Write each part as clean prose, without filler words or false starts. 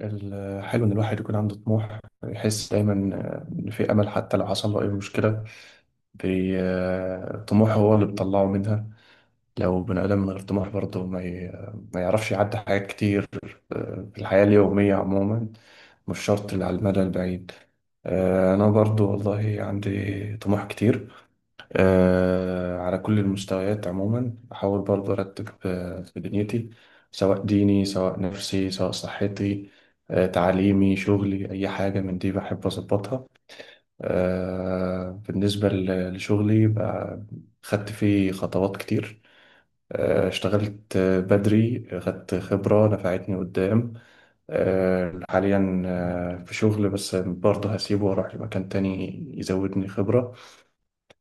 الحلو إن الواحد يكون عنده طموح، يحس دايما إن في أمل حتى لو حصل له أي مشكلة. طموحه هو اللي بيطلعه منها. لو بني آدم من غير طموح برضه ما يعرفش يعدي حاجات كتير. في الحياة اليومية عموما، مش شرط اللي على المدى البعيد. أنا برضه والله عندي طموح كتير. على كل المستويات عموما بحاول برضه أرتب في دنيتي، سواء ديني، سواء نفسي، سواء صحتي، تعليمي، شغلي، أي حاجة من دي بحب أظبطها. بالنسبة لشغلي بقى، خدت فيه خطوات كتير. اشتغلت بدري، خدت خبرة نفعتني قدام. حاليا في شغل بس برضه هسيبه وأروح لمكان تاني يزودني خبرة.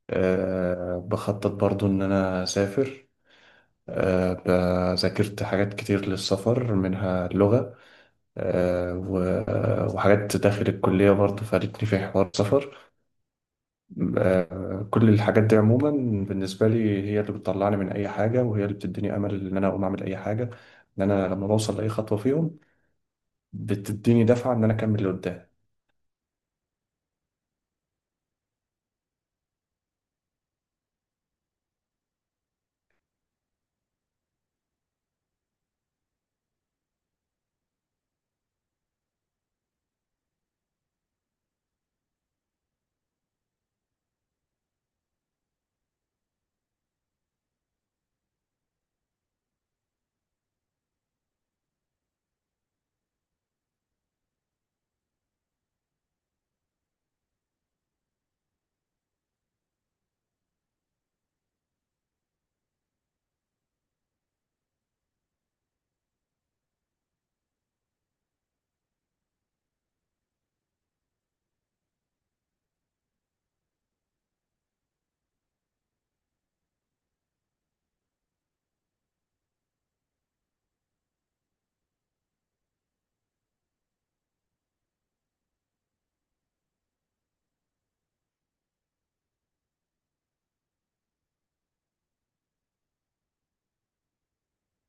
بخطط برضو إن أنا أسافر. أه ذاكرت حاجات كتير للسفر، منها اللغة. و- وحاجات داخل الكلية برضو فادتني في حوار السفر. كل الحاجات دي عموما، بالنسبة لي هي اللي بتطلعني من أي حاجة، وهي اللي بتديني أمل إن أنا أقوم أعمل أي حاجة. إن أنا لما بوصل لأي خطوة فيهم، بتديني دفعة إن أنا أكمل لقدام.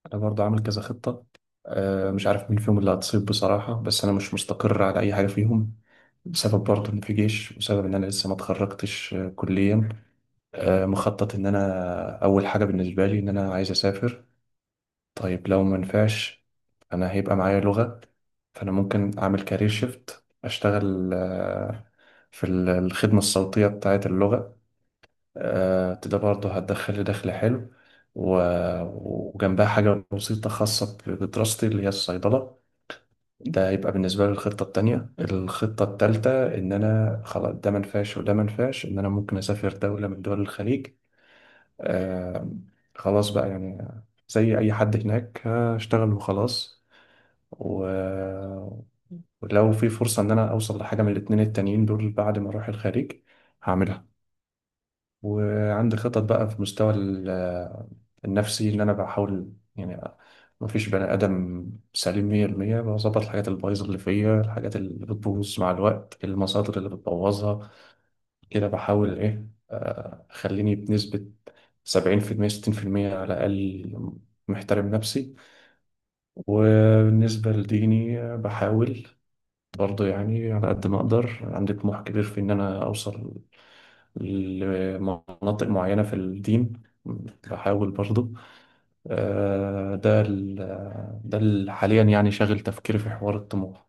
أنا برضو عامل كذا خطة. مش عارف مين فيهم اللي هتصيب بصراحة، بس أنا مش مستقر على أي حاجة فيهم، بسبب برضه إن في جيش، وسبب إن أنا لسه ما اتخرجتش كليا. مخطط إن أنا أول حاجة بالنسبة لي إن أنا عايز أسافر. طيب، لو ما نفعش، أنا هيبقى معايا لغة. فأنا ممكن أعمل كارير شيفت، أشتغل في الخدمة الصوتية بتاعة اللغة. ده برضه هتدخل لي دخل حلو، و- وجنبها حاجة بسيطة خاصة بدراستي اللي هي الصيدلة. ده يبقى بالنسبة لي الخطة التانية. الخطة التالتة إن أنا خلاص، ده منفعش وده منفعش، إن أنا ممكن أسافر دولة من دول الخليج. آه خلاص بقى يعني، زي أي حد هناك هشتغل وخلاص. و... ولو في فرصة إن أنا أوصل لحاجة من الاتنين التانيين دول بعد ما أروح الخليج، هعملها. وعندي خطط بقى في مستوى النفسي، ان انا بحاول يعني، ما فيش بني ادم سليم 100%. بظبط الحاجات البايظه اللي فيا، الحاجات اللي بتبوظ مع الوقت، المصادر اللي بتبوظها، كده بحاول ايه، اخليني بنسبه 70%، 60% على الاقل محترم نفسي. وبالنسبه لديني، بحاول برضه يعني على قد ما اقدر، عندي طموح كبير في ان انا اوصل لمناطق معينة في الدين. بحاول برضه آه، ده ال- ده اللي حاليا يعني شاغل تفكيري في حوار الطموح.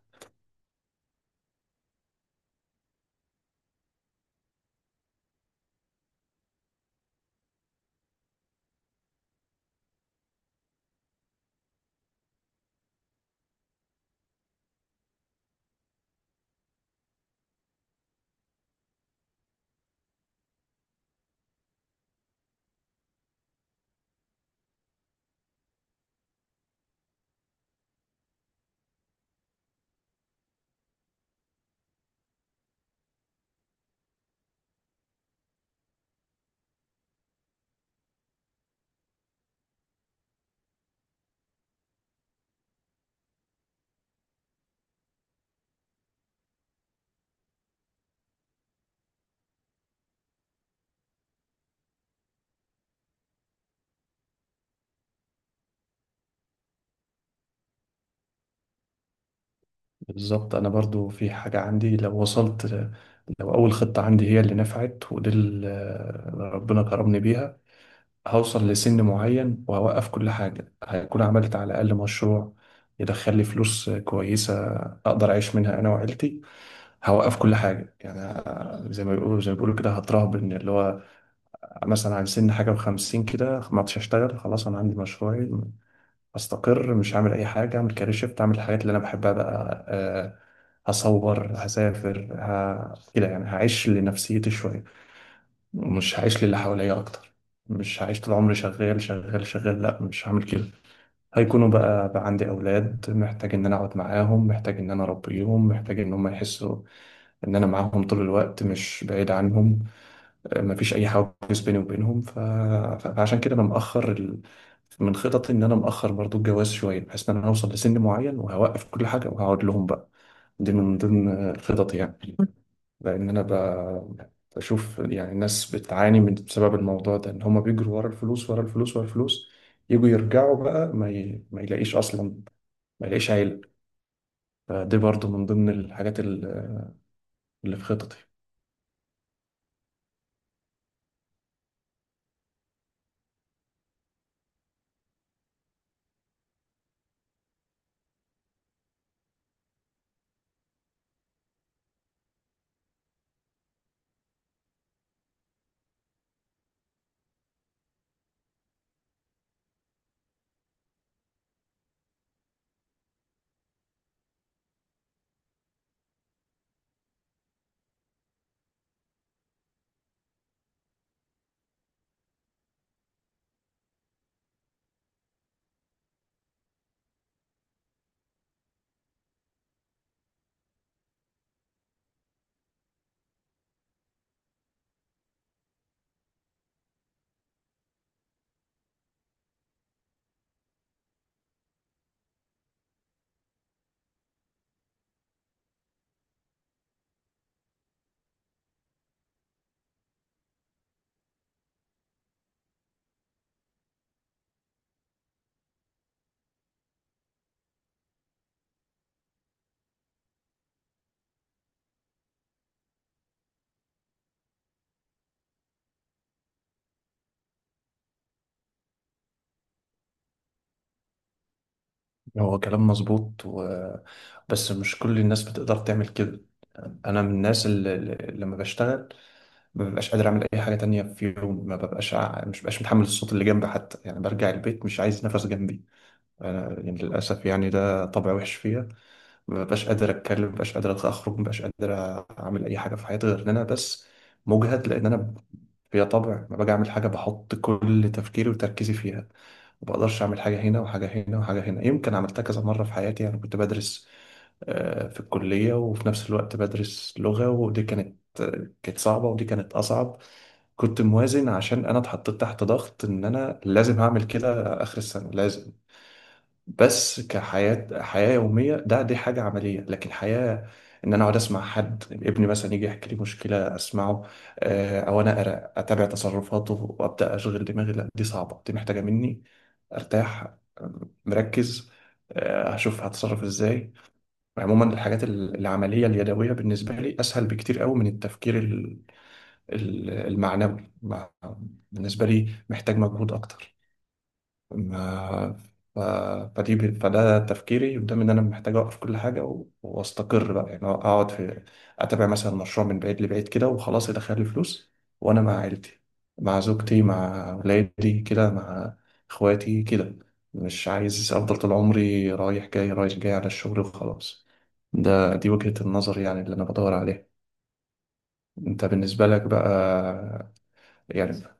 بالظبط، أنا برضه في حاجة عندي، لو وصلت، لو أول خطة عندي هي اللي نفعت ودي اللي ربنا كرمني بيها، هوصل لسن معين وهوقف كل حاجة. هيكون عملت على الأقل مشروع يدخل لي فلوس كويسة، أقدر أعيش منها أنا وعيلتي. هوقف كل حاجة يعني، زي ما بيقولوا زي ما بيقولوا كده، هترهبن اللي هو مثلا عن سن حاجة وخمسين كده، ما عدتش أشتغل، خلاص أنا عندي مشروعي، أستقر، مش هعمل أي حاجة. أعمل كارير شيفت، أعمل الحاجات اللي أنا بحبها بقى. أه هصور، هسافر، كده يعني هعيش لنفسيتي شوية، مش هعيش للي حواليا أكتر. مش هعيش طول عمري شغال شغال شغال، لا مش هعمل كده. هيكونوا بقى عندي أولاد، محتاج إن أنا أقعد معاهم، محتاج إن أنا أربيهم، محتاج إن هم يحسوا إن أنا معاهم طول الوقت، مش بعيد عنهم. مفيش أي حواجز بيني وبينهم ف- فعشان كده أنا مأخر من خططي إن أنا مأخر برضو الجواز شوية، بحيث إن أنا هوصل لسن معين وهوقف كل حاجة وهقعد لهم بقى. دي من ضمن الخطط يعني، لأن أنا بشوف يعني الناس بتعاني من، بسبب الموضوع ده، إن هما بيجروا ورا الفلوس ورا الفلوس ورا الفلوس، يجوا يرجعوا بقى ما يلاقيش أصلا، ما يلاقيش عيلة. فدي برضو من ضمن الحاجات اللي في خططي. هو كلام مظبوط بس مش كل الناس بتقدر تعمل كده. أنا من الناس اللي لما بشتغل ما ببقاش قادر أعمل أي حاجة تانية، في يوم ما ببقاش مش ببقاش متحمل الصوت اللي جنبي حتى، يعني برجع البيت مش عايز نفس جنبي. أنا يعني للأسف يعني، ده طبع وحش فيا. مبقاش قادر اتكلم، مبقاش قادر اخرج، مبقاش قادر اعمل اي حاجه في حياتي غير ان انا بس مجهد، لان انا هي طبع، ما باجي اعمل حاجه بحط كل تفكيري وتركيزي فيها. ما بقدرش اعمل حاجه هنا وحاجه هنا وحاجه هنا. يمكن عملتها كذا مره في حياتي، يعني كنت بدرس في الكليه وفي نفس الوقت بدرس لغه، ودي كانت صعبه ودي كانت اصعب. كنت موازن، عشان انا اتحطيت تحت ضغط ان انا لازم هعمل كده اخر السنه لازم. بس كحياة، حياة يومية، دي حاجة عملية، لكن حياة إن أنا أقعد أسمع حد، ابني مثلا يجي يحكي لي مشكلة أسمعه، أو أنا أقرأ أتابع تصرفاته وأبدأ أشغل دماغي، لا دي صعبة، دي محتاجة مني أرتاح، مركز، أشوف هتصرف إزاي. عموما الحاجات العملية اليدوية بالنسبة لي أسهل بكتير قوي من التفكير المعنوي بالنسبة لي محتاج مجهود أكتر. ما- ف... فده تفكيري قدام، ان انا محتاج اوقف كل حاجه و... واستقر بقى يعني، اقعد في اتابع مثلا مشروع من بعيد لبعيد كده وخلاص، يدخل لي فلوس وانا مع عيلتي، مع زوجتي، مع ولادي كده، مع اخواتي كده. مش عايز افضل طول عمري رايح جاي رايح جاي على الشغل وخلاص. دي وجهة النظر يعني اللي انا بدور عليها. انت بالنسبة لك بقى يعني